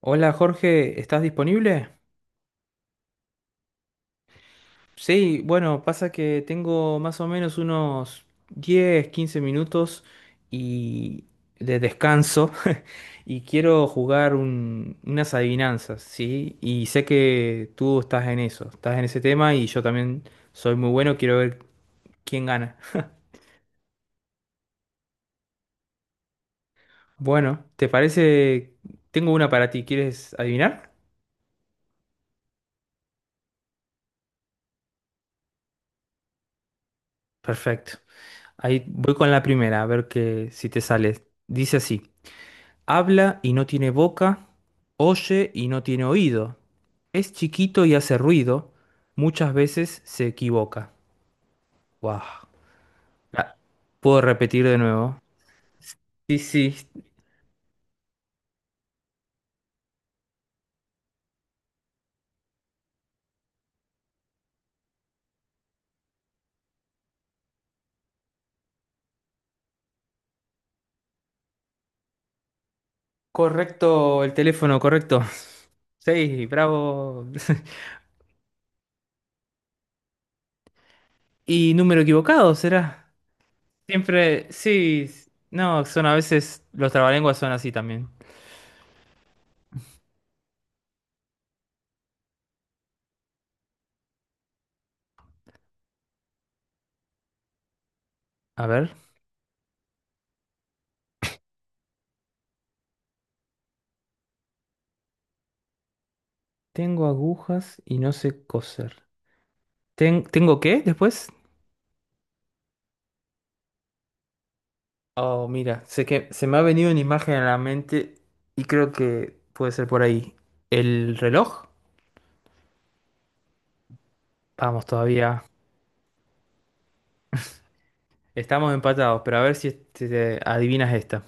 Hola Jorge, ¿estás disponible? Sí, bueno, pasa que tengo más o menos unos 10, 15 minutos y de descanso y quiero jugar unas adivinanzas, ¿sí? Y sé que tú estás en eso, estás en ese tema y yo también soy muy bueno, quiero ver quién gana. Bueno, ¿te parece? Tengo una para ti, ¿quieres adivinar? Perfecto. Ahí voy con la primera, a ver que si te sale. Dice así. Habla y no tiene boca, oye y no tiene oído. Es chiquito y hace ruido, muchas veces se equivoca. Wow. ¿Puedo repetir de nuevo? Sí, sí, correcto, el teléfono correcto. Sí, bravo. ¿Y número equivocado será? Siempre, sí, no, son a veces, los trabalenguas son así también. A ver, tengo agujas y no sé coser. ¿Tengo qué después? Oh, mira, sé que se me ha venido una imagen a la mente y creo que puede ser por ahí. ¿El reloj? Vamos, todavía estamos empatados, pero a ver si te adivinas esta.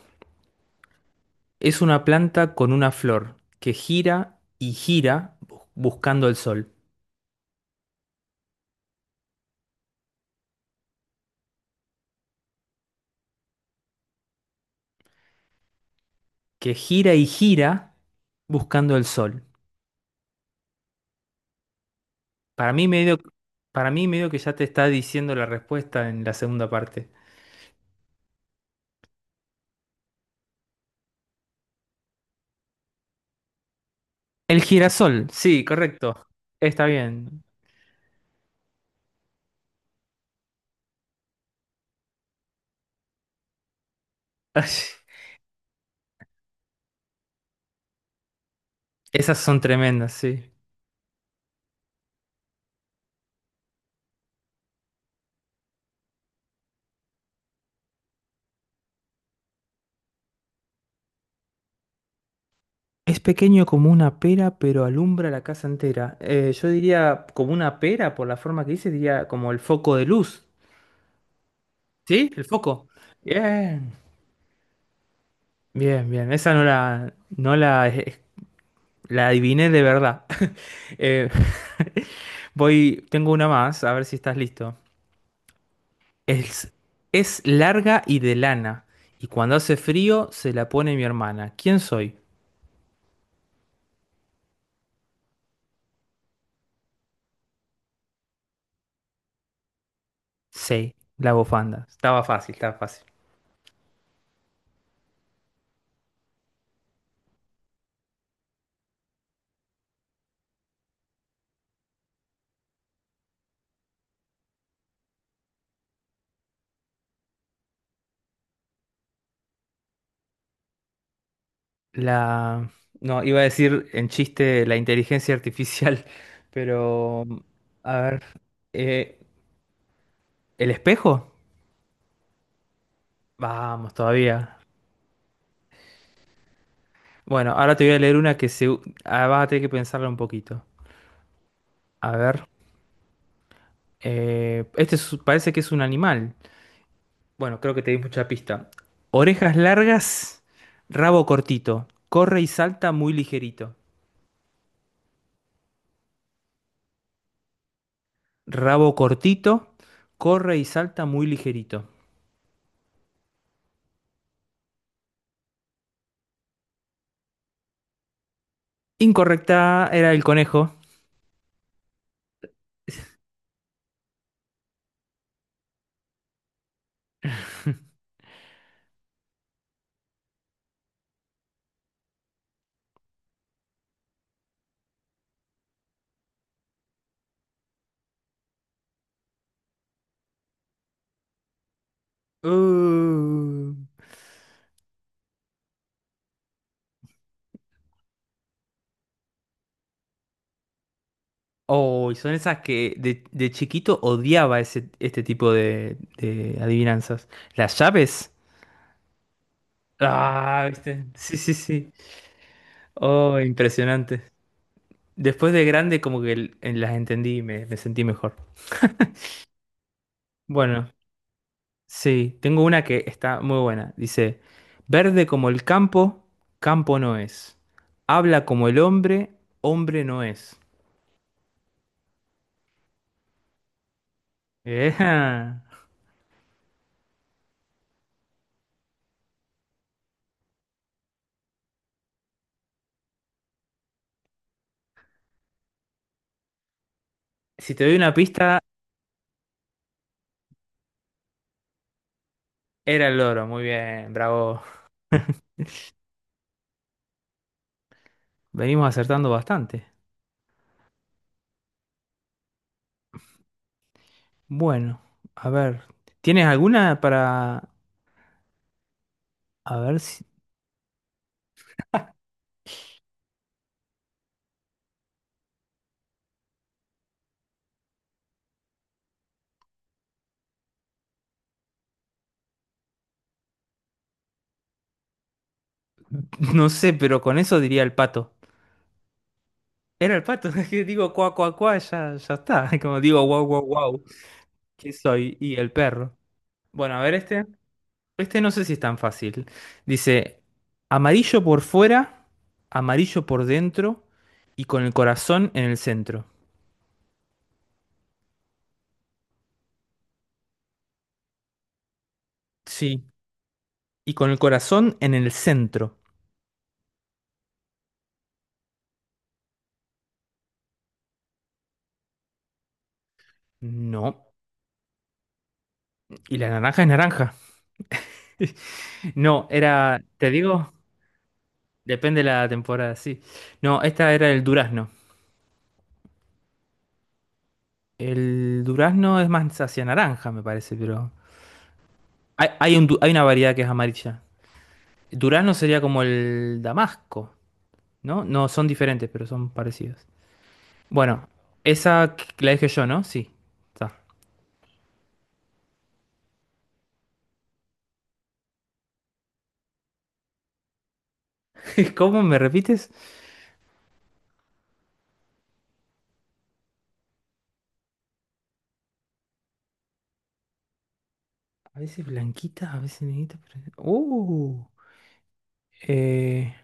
Es una planta con una flor que gira y gira buscando el sol. Que gira y gira buscando el sol. Para mí medio, para mí medio que ya te está diciendo la respuesta en la segunda parte. El girasol, sí, correcto. Está bien. Esas son tremendas, sí. Es pequeño como una pera, pero alumbra la casa entera. Yo diría como una pera, por la forma que dice, diría como el foco de luz. ¿Sí? El foco. Bien, bien, bien. Esa no la, la adiviné de verdad. Eh, voy, tengo una más, a ver si estás listo. Es, es larga y de lana, y cuando hace frío se la pone mi hermana. ¿Quién soy? Sí, la bufanda. Estaba fácil, estaba fácil. La... No, iba a decir en chiste la inteligencia artificial, pero... A ver. eh, ¿El espejo? Vamos, todavía. Bueno, ahora te voy a leer una que vas a tener que pensarla un poquito. A ver. Parece que es un animal. Bueno, creo que te di mucha pista. Orejas largas, rabo cortito. Corre y salta muy ligerito. Rabo cortito, corre y salta muy ligerito. Incorrecta era el conejo. Uh. Oh, y son esas que de chiquito odiaba ese, este tipo de adivinanzas. Las llaves. Ah, viste. Sí, sí, sí. Oh, impresionante. Después de grande como que las entendí y me sentí mejor. Bueno, sí, tengo una que está muy buena. Dice, verde como el campo, campo no es. Habla como el hombre, hombre no es. Ejá. Si te doy una pista... Era el loro, muy bien, bravo. Venimos acertando bastante. Bueno, a ver, ¿tienes alguna para... A ver si... No sé, pero con eso diría el pato. Era el pato, es que digo cuá, cuá, cuá, ya, ya está. Como digo guau, guau, guau, ¿qué soy? Y el perro. Bueno, a ver este. Este no sé si es tan fácil. Dice, amarillo por fuera, amarillo por dentro y con el corazón en el centro. Sí. Y con el corazón en el centro. No. Y la naranja es naranja. No, era, te digo, depende de la temporada, sí. No, esta era el durazno. El durazno es más hacia naranja, me parece, pero hay hay una variedad que es amarilla. El durazno sería como el damasco, ¿no? No, son diferentes, pero son parecidos. Bueno, esa la dije yo, ¿no? Sí. Está. ¿Cómo me repites? A veces blanquita, a veces negrita. Eh,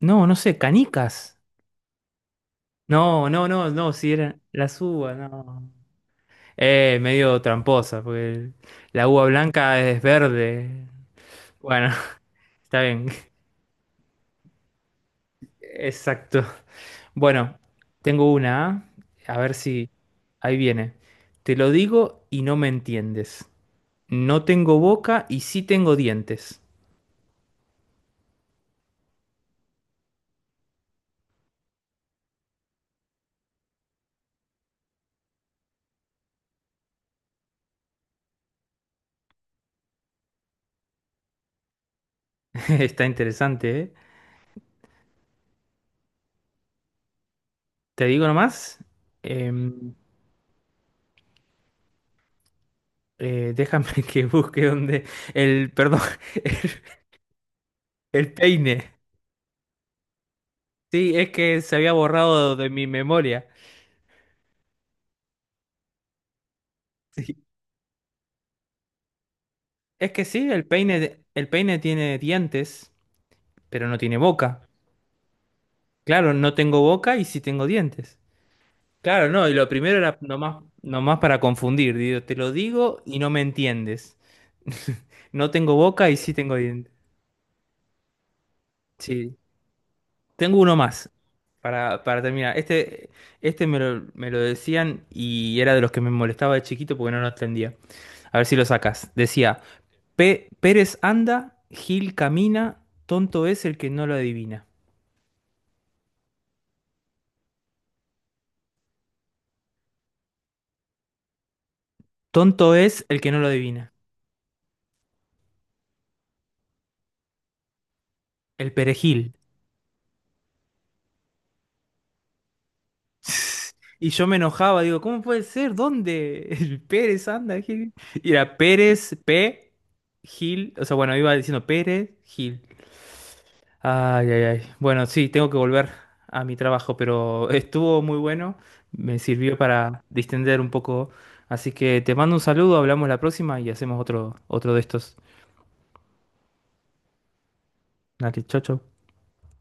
no, no sé, canicas. No, no, no, no, si eran las uvas, no. Medio tramposa, porque la uva blanca es verde. Bueno, está bien, exacto. Bueno, tengo una, ¿ah? A ver si ahí viene. Te lo digo y no me entiendes. No tengo boca y sí tengo dientes. Está interesante, ¿eh? Te digo nomás. em, Déjame que busque donde el, perdón, el peine. Sí, es que se había borrado de mi memoria. Sí. Es que sí, el peine tiene dientes, pero no tiene boca. Claro, no tengo boca y sí tengo dientes. Claro, no, y lo primero era nomás, nomás para confundir. Digo, te lo digo y no me entiendes. No tengo boca y sí tengo dientes. Sí. Tengo uno más para terminar. Este me lo decían y era de los que me molestaba de chiquito porque no lo entendía. A ver si lo sacas. Decía. Pérez anda, Gil camina, tonto es el que no lo adivina. Tonto es el que no lo adivina. El perejil. Y yo me enojaba, digo, ¿cómo puede ser? ¿Dónde? El Pérez anda, Gil. Y era Pérez, P, Gil. O sea, bueno, iba diciendo Pérez, Gil. Ay, ay, ay. Bueno, sí, tengo que volver a mi trabajo, pero estuvo muy bueno. Me sirvió para distender un poco. Así que te mando un saludo, hablamos la próxima y hacemos otro de estos. Dale, chau, chau.